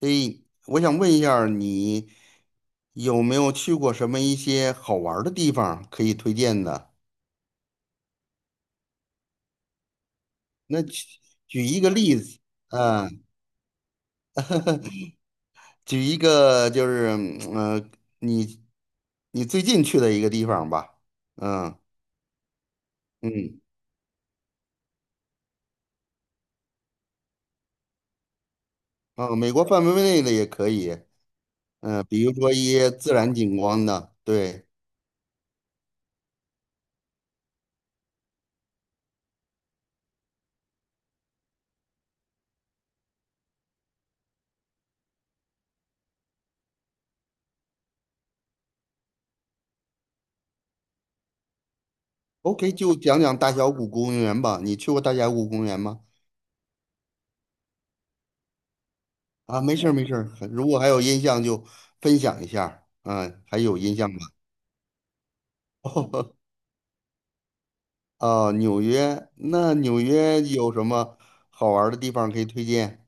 诶，我想问一下儿你有没有去过什么一些好玩儿的地方可以推荐的？那举一个例子，嗯，举一个就是，你你最近去的一个地方吧，嗯嗯，啊，美国范围内的也可以，嗯，比如说一些自然景观的，对，OK，就讲讲大峡谷公园吧。你去过大峡谷公园吗？啊，没事儿没事儿，如果还有印象就分享一下儿。嗯，还有印象吗？哦，纽约，那纽约有什么好玩儿的地方可以推荐？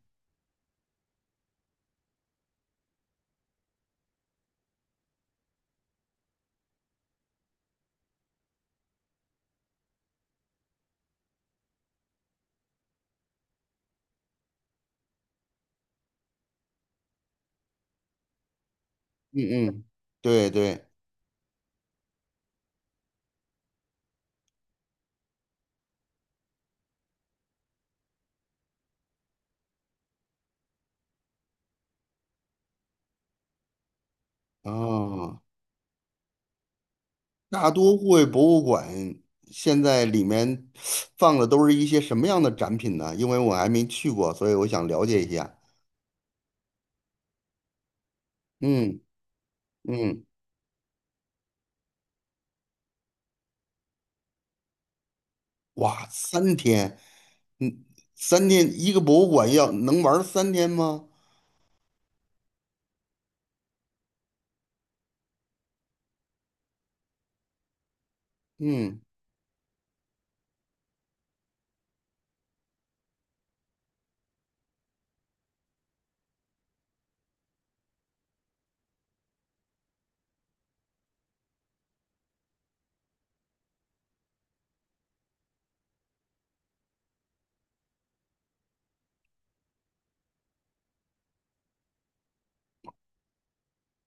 嗯嗯，对对，哦，大都会博物馆现在里面放的都是一些什么样的展品呢？因为我还没去过，所以我想了解一下。嗯嗯，哇，三天，嗯，三天一个博物馆要能玩儿三天吗？嗯。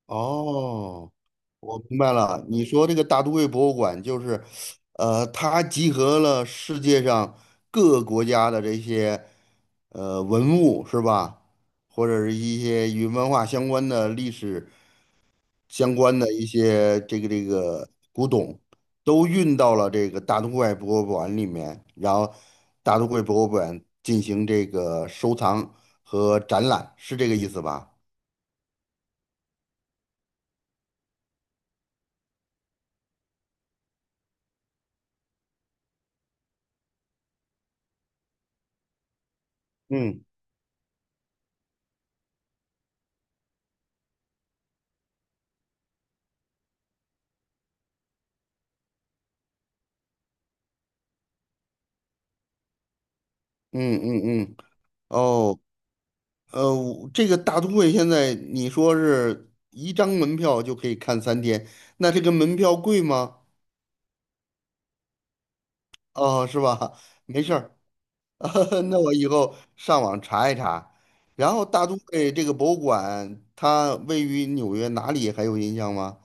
哦，我明白了。你说这个大都会博物馆就是，呃，它集合了世界上各个国家的这些呃文物，是吧？或者是一些与文化相关的历史相关的一些这个古董，都运到了这个大都会博物馆里面，然后大都会博物馆进行这个收藏和展览，是这个意思吧？嗯嗯嗯嗯，哦。呃，这个大都会现在你说是一张门票就可以看三天，那这个门票贵吗？哦，是吧？没事儿，那我以后上网查一查。然后大都会这个博物馆，它位于纽约哪里还有印象吗？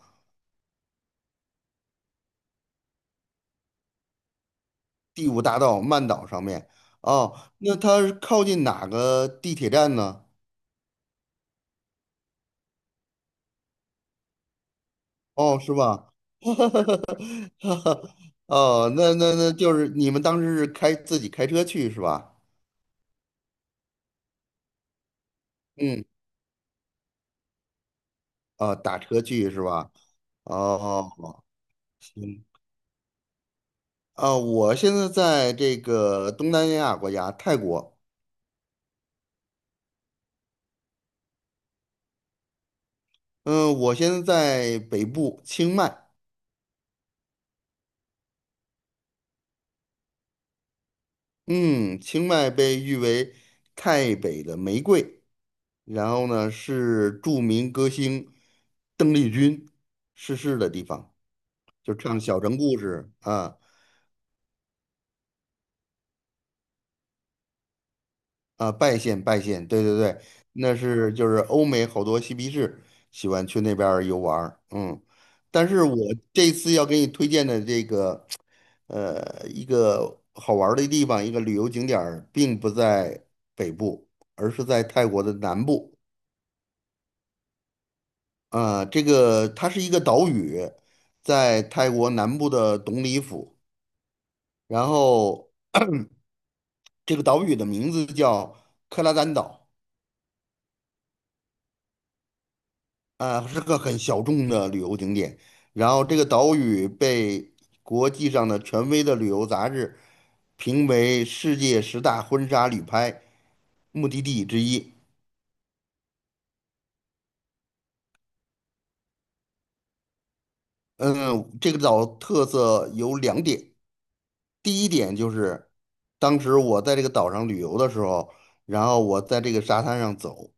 第五大道曼岛上面。哦，那它是靠近哪个地铁站呢？哦，是吧？哦，那就是你们当时是开自己开车去是吧？嗯。啊，打车去是吧？哦，行，啊，我现在在这个东南亚国家泰国，嗯，我现在在北部清迈，嗯，清迈被誉为泰北的玫瑰，然后呢是著名歌星邓丽君逝世的地方，就唱小城故事啊，啊，拜县，对对对，那是就是欧美好多嬉皮士喜欢去那边儿游玩儿，嗯，但是我这次要给你推荐的这个呃一个好玩儿的地方，一个旅游景点儿并不在北部，而是在泰国的南部。啊，这个它是一个岛屿，在泰国南部的董里府，然后这个岛屿的名字叫克拉丹岛。啊，是个很小众的旅游景点。然后这个岛屿被国际上的权威的旅游杂志评为世界10大婚纱旅拍目的地之一。嗯，这个岛特色有两点，第1点就是当时我在这个岛上旅游的时候，然后我在这个沙滩上走，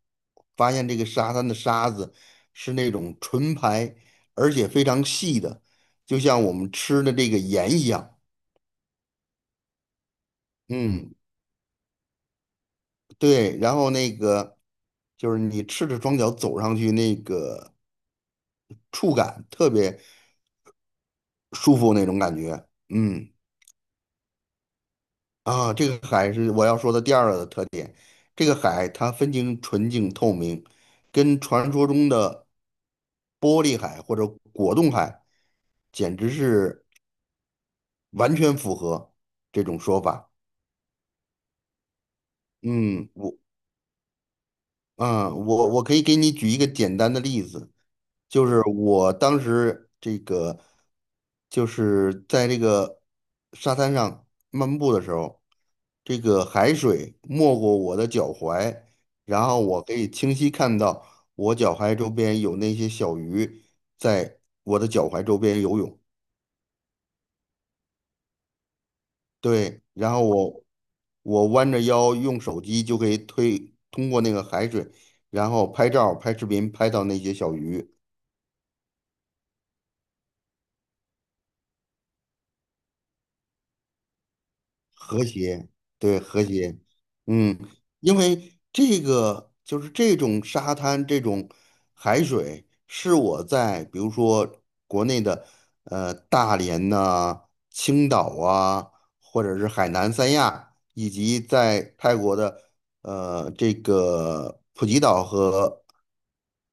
发现这个沙滩的沙子是那种纯白，而且非常细的，就像我们吃的这个盐一样。嗯，对，然后那个就是你赤着双脚走上去，那个触感特别舒服那种感觉。嗯，啊，这个海是我要说的第2个特点，这个海它分清纯净透明，跟传说中的玻璃海或者果冻海简直是完全符合这种说法。嗯，我可以给你举一个简单的例子，就是我当时这个就是在这个沙滩上漫步的时候，这个海水没过我的脚踝，然后我可以清晰看到我脚踝周边有那些小鱼在我的脚踝周边游泳。对，然后我弯着腰用手机就可以推通过那个海水，然后拍照、拍视频，拍到那些小鱼。和谐，对，和谐，嗯，因为这个就是这种沙滩、这种海水，是我在比如说国内的呃大连呐、青岛啊，或者是海南三亚，以及在泰国的呃这个普吉岛和。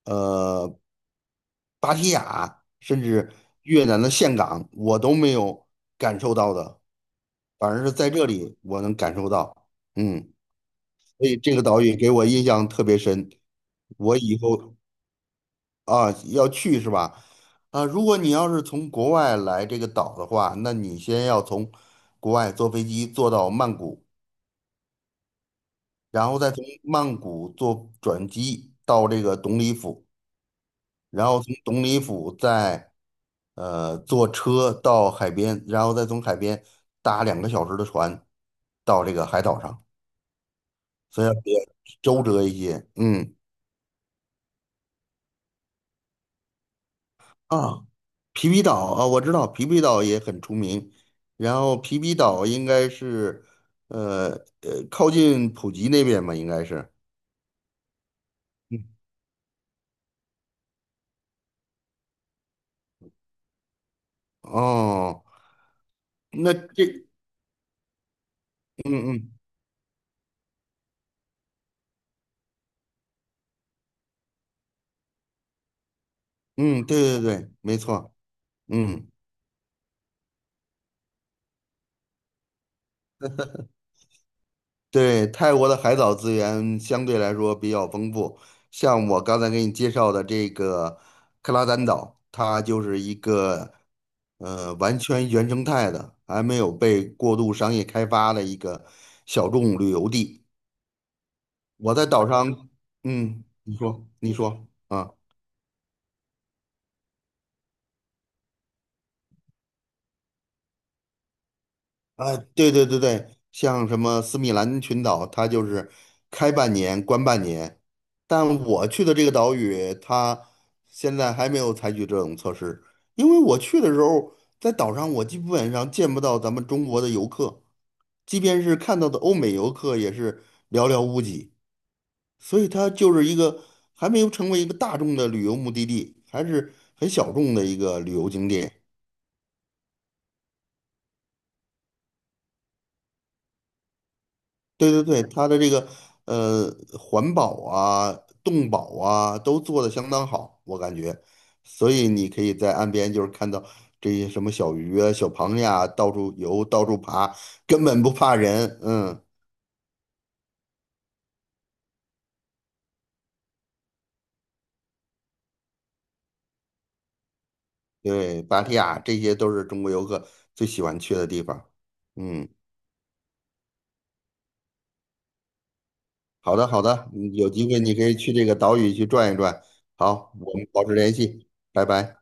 呃。芭提雅，甚至越南的岘港，我都没有感受到的，反而是在这里我能感受到。嗯，所以这个岛屿给我印象特别深，我以后啊要去是吧？啊，如果你要是从国外来这个岛的话，那你先要从国外坐飞机坐到曼谷，然后再从曼谷坐转机到这个董里府。然后从东里府再呃坐车到海边，然后再从海边搭2个小时的船到这个海岛上，所以要比较周折一些。嗯啊，皮皮岛啊，我知道皮皮岛也很出名，然后皮皮岛应该是呃靠近普吉那边吧，应该是。嗯哦，那这嗯嗯嗯，对对对，没错，嗯。对，泰国的海岛资源相对来说比较丰富，像我刚才给你介绍的这个克拉丹岛，它就是一个呃完全原生态的，还没有被过度商业开发的一个小众旅游地。我在岛上，嗯，你说，你说啊。啊，对对对对，像什么斯米兰群岛，它就是开半年关半年，但我去的这个岛屿，它现在还没有采取这种措施，因为我去的时候，在岛上我基本上见不到咱们中国的游客，即便是看到的欧美游客也是寥寥无几，所以它就是一个还没有成为一个大众的旅游目的地，还是很小众的一个旅游景点。对对对，它的这个呃环保啊、动保啊都做的相当好，我感觉，所以你可以在岸边就是看到这些什么小鱼啊、小螃蟹啊，到处游、到处爬，根本不怕人。嗯，对，芭提雅这些都是中国游客最喜欢去的地方。嗯，好的好的，嗯有机会你可以去这个岛屿去转一转。好，我们保持联系，拜拜。